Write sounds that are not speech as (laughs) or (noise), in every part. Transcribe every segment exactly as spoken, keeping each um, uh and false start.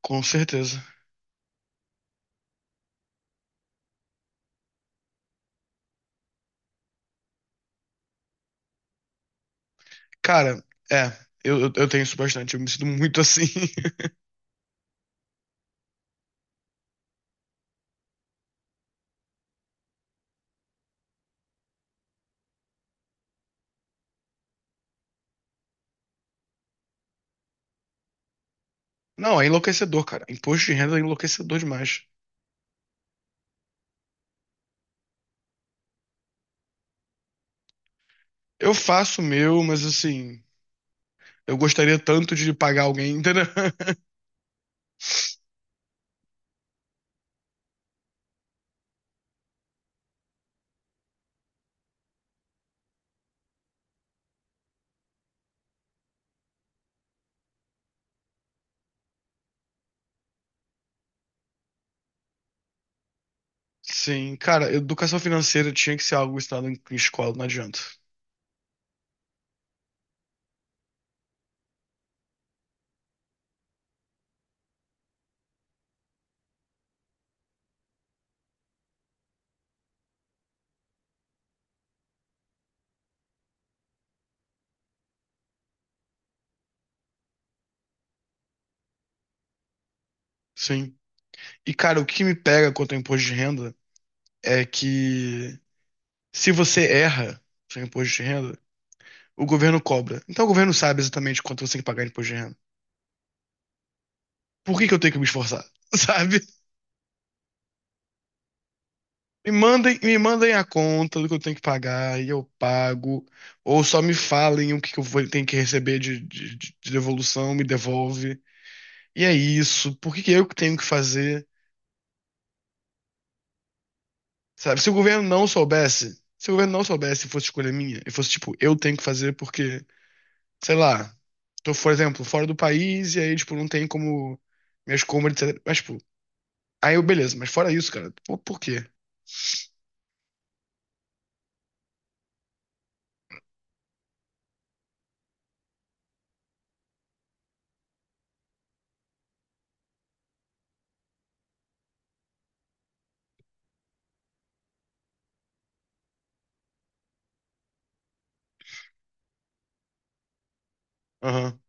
Com certeza. Cara, é, eu, eu, eu tenho isso bastante, eu me sinto muito assim. (laughs) Não, é enlouquecedor, cara. Imposto de renda é enlouquecedor demais. Eu faço o meu, mas assim, eu gostaria tanto de pagar alguém, entendeu? (laughs) Sim, cara, educação financeira tinha que ser algo ensinado em em escola, não adianta. Sim. E, cara, o que me pega quanto ao imposto de renda é que, se você erra seu imposto de renda, o governo cobra. Então o governo sabe exatamente quanto você tem que pagar de imposto de renda. Por que que eu tenho que me esforçar? (laughs) Sabe? Me mandem, me mandem a conta do que eu tenho que pagar e eu pago. Ou só me falem o que que eu vou- tenho que receber de, de, de- de devolução, me devolve. E é isso. Por que que eu que tenho que fazer? Sabe? Se o governo não soubesse, se o governo não soubesse e fosse escolha minha, e fosse, tipo, eu tenho que fazer porque, sei lá, tô, por exemplo, fora do país e aí, tipo, não tem como minhas compras, etecetera. Mas, tipo, aí eu, beleza, mas fora isso, cara, por, por quê? Aham,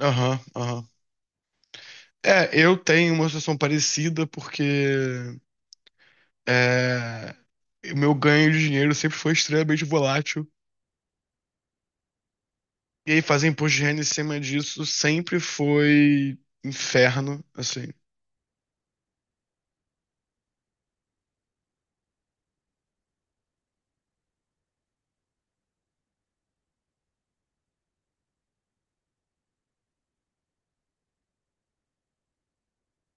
aham, aham. É, eu tenho uma situação parecida porque, É, o meu ganho de dinheiro sempre foi extremamente volátil. E aí fazer imposto de renda em cima disso sempre foi inferno, assim.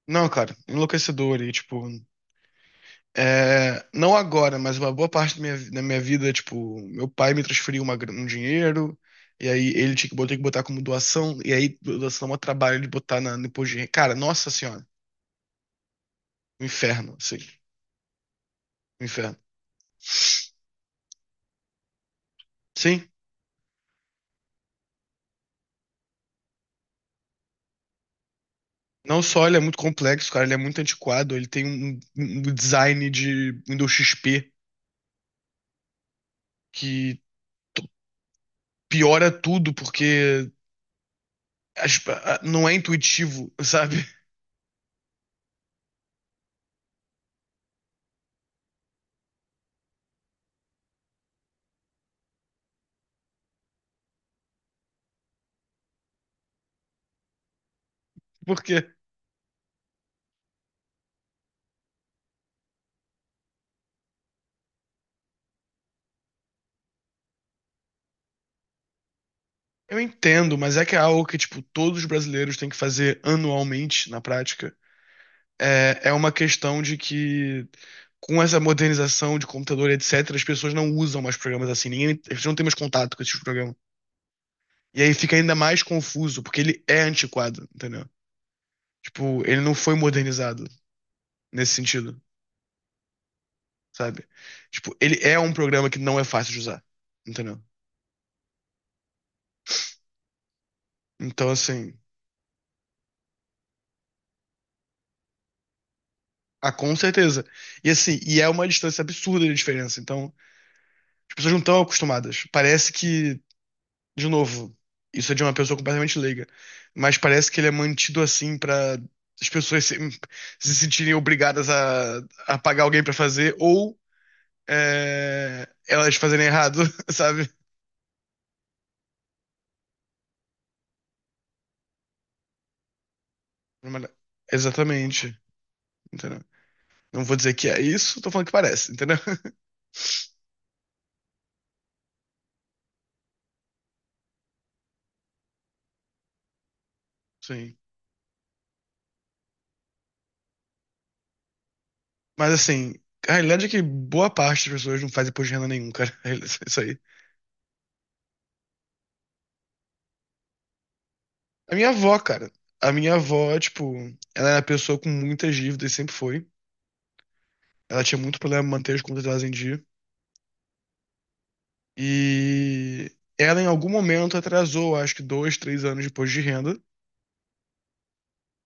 Não, cara, enlouquecedor. E, tipo, é, não agora, mas uma boa parte da minha, da minha vida, tipo, meu pai me transferiu uma gra- um dinheiro, e aí ele tinha que botar, que botar como doação, e aí do- doação é um trabalho de botar na, no imposto de renda. Cara, nossa senhora, um inferno, assim, um inferno. Sim. Não só ele é muito complexo, cara, ele é muito antiquado, ele tem um, um um design de Windows X P que t- piora tudo porque as- a- não é intuitivo, sabe? (laughs) Porque eu entendo, mas é que é algo que, tipo, todos os brasileiros têm que fazer anualmente na prática. É, é uma questão de que, com essa modernização de computador, etecetera, as pessoas não usam mais programas assim, ninguém, as pessoas não têm mais contato com esses programas. E aí fica ainda mais confuso, porque ele é antiquado, entendeu? Tipo, ele não foi modernizado nesse sentido, sabe? Tipo, ele é um programa que não é fácil de usar, entendeu? Então, assim, ah, com certeza. E assim, e é uma distância absurda de diferença. Então, as pessoas não estão acostumadas. Parece que, de novo, isso é de uma pessoa completamente leiga, mas parece que ele é mantido assim pra as pessoas se, se sentirem obrigadas a, a pagar alguém pra fazer ou, é, elas fazerem errado, (laughs) sabe? Exatamente, entendeu? Não vou dizer que é isso, tô falando que parece, entendeu? (laughs) Sim. Mas assim, a realidade é que boa parte das pessoas não faz imposto de renda nenhum, cara. (laughs) É. Isso aí. A minha avó, cara. A minha avó, tipo, ela era uma pessoa com muitas dívidas, sempre foi. Ela tinha muito problema em manter as contas delas em dia. E ela, em algum momento, atrasou, acho que dois, três anos de imposto de renda.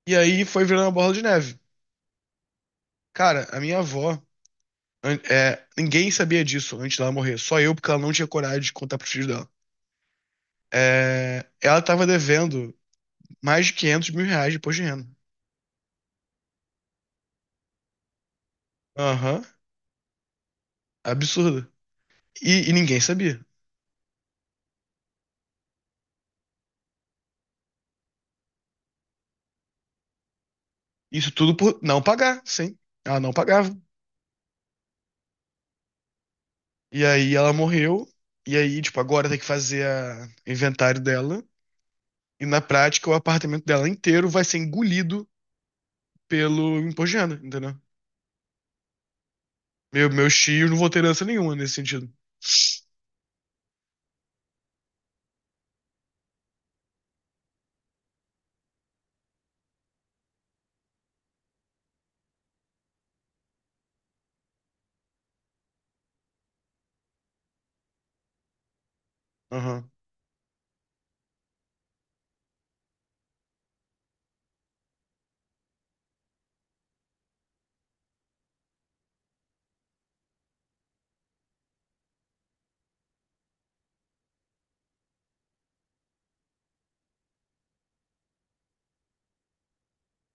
E aí foi virando uma bola de neve. Cara, a minha avó, an- é, ninguém sabia disso antes dela morrer. Só eu, porque ela não tinha coragem de contar pros filhos dela. É, ela tava devendo mais de quinhentos mil reais de imposto de renda. Aham, absurdo. E, e ninguém sabia. Isso tudo por não pagar, sim. Ela não pagava. E aí ela morreu. E aí, tipo, agora tem que fazer a inventário dela. E, na prática, o apartamento dela inteiro vai ser engolido pelo imposto de renda, entendeu? Meu, meus tios não vão ter herança nenhuma nesse sentido. Aham.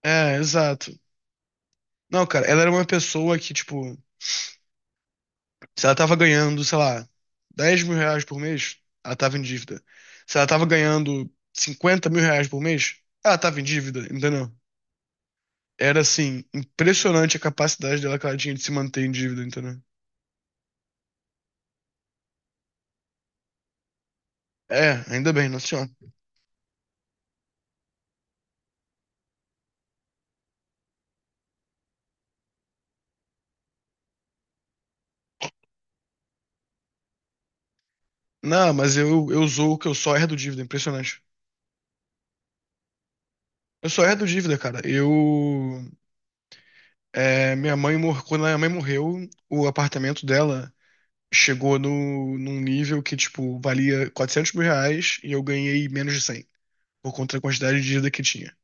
É, exato. Não, cara, ela era uma pessoa que, tipo, se ela tava ganhando, sei lá, dez mil reais por mês, ela tava em dívida. Se ela tava ganhando cinquenta mil reais por mês, ela tava em dívida, entendeu? Era, assim, impressionante a capacidade dela que ela tinha de se manter em dívida, entendeu? É, ainda bem, nossa senhora. Não, mas eu, eu sou o que eu só herdo dívida, é impressionante. Eu só herdo dívida, cara. Eu. É, minha mãe, mor- quando a minha mãe morreu, o apartamento dela chegou no, num nível que, tipo, valia quatrocentos mil reais e eu ganhei menos de cem por conta da quantidade de dívida que tinha.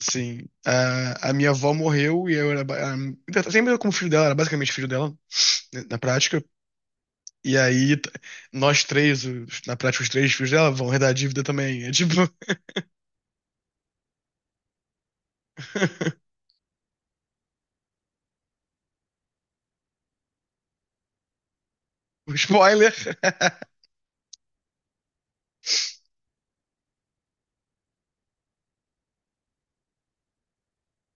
Sim, a, a minha avó morreu e eu era. Ba- A, sempre eu, como filho dela, era basicamente filho dela, né, na prática. E aí, t- nós três, os- na prática, os três filhos dela vão herdar a dívida também. É, tipo. (laughs) O Spoiler! (laughs)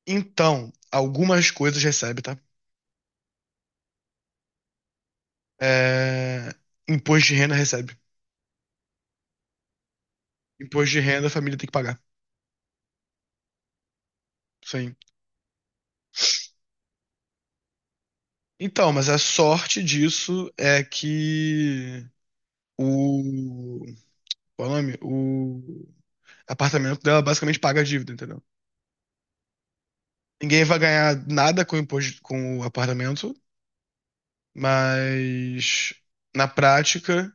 Então, algumas coisas recebe, tá? É, imposto de renda recebe. Imposto de renda a família tem que pagar. Sim. Então, mas a sorte disso é que o, qual é o nome? O apartamento dela basicamente paga a dívida, entendeu? Ninguém vai ganhar nada com o imposto, com o apartamento, mas, na prática,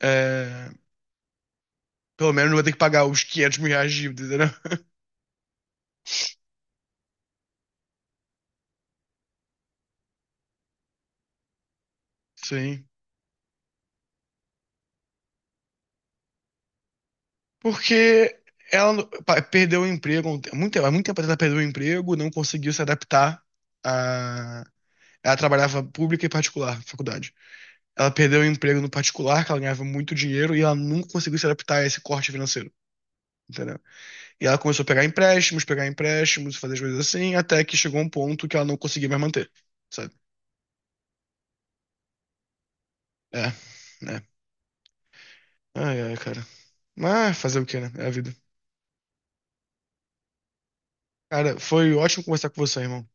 é, pelo menos não vai ter que pagar os quinhentos mil reais de dívida, entendeu? (laughs) Sim. Porque ela não- pa- perdeu o emprego, há um te- muito tempo, há muito tempo atrás ela perdeu o emprego, não conseguiu se adaptar a... Ela trabalhava pública e particular, faculdade. Ela perdeu o emprego no particular, que ela ganhava muito dinheiro, e ela nunca conseguiu se adaptar a esse corte financeiro, entendeu? E ela começou a pegar empréstimos, pegar empréstimos, fazer as coisas assim, até que chegou um ponto que ela não conseguia mais manter, sabe? É, é. Ai, ai, cara. Mas fazer o quê, né? É a vida. Cara, foi ótimo conversar com você, irmão.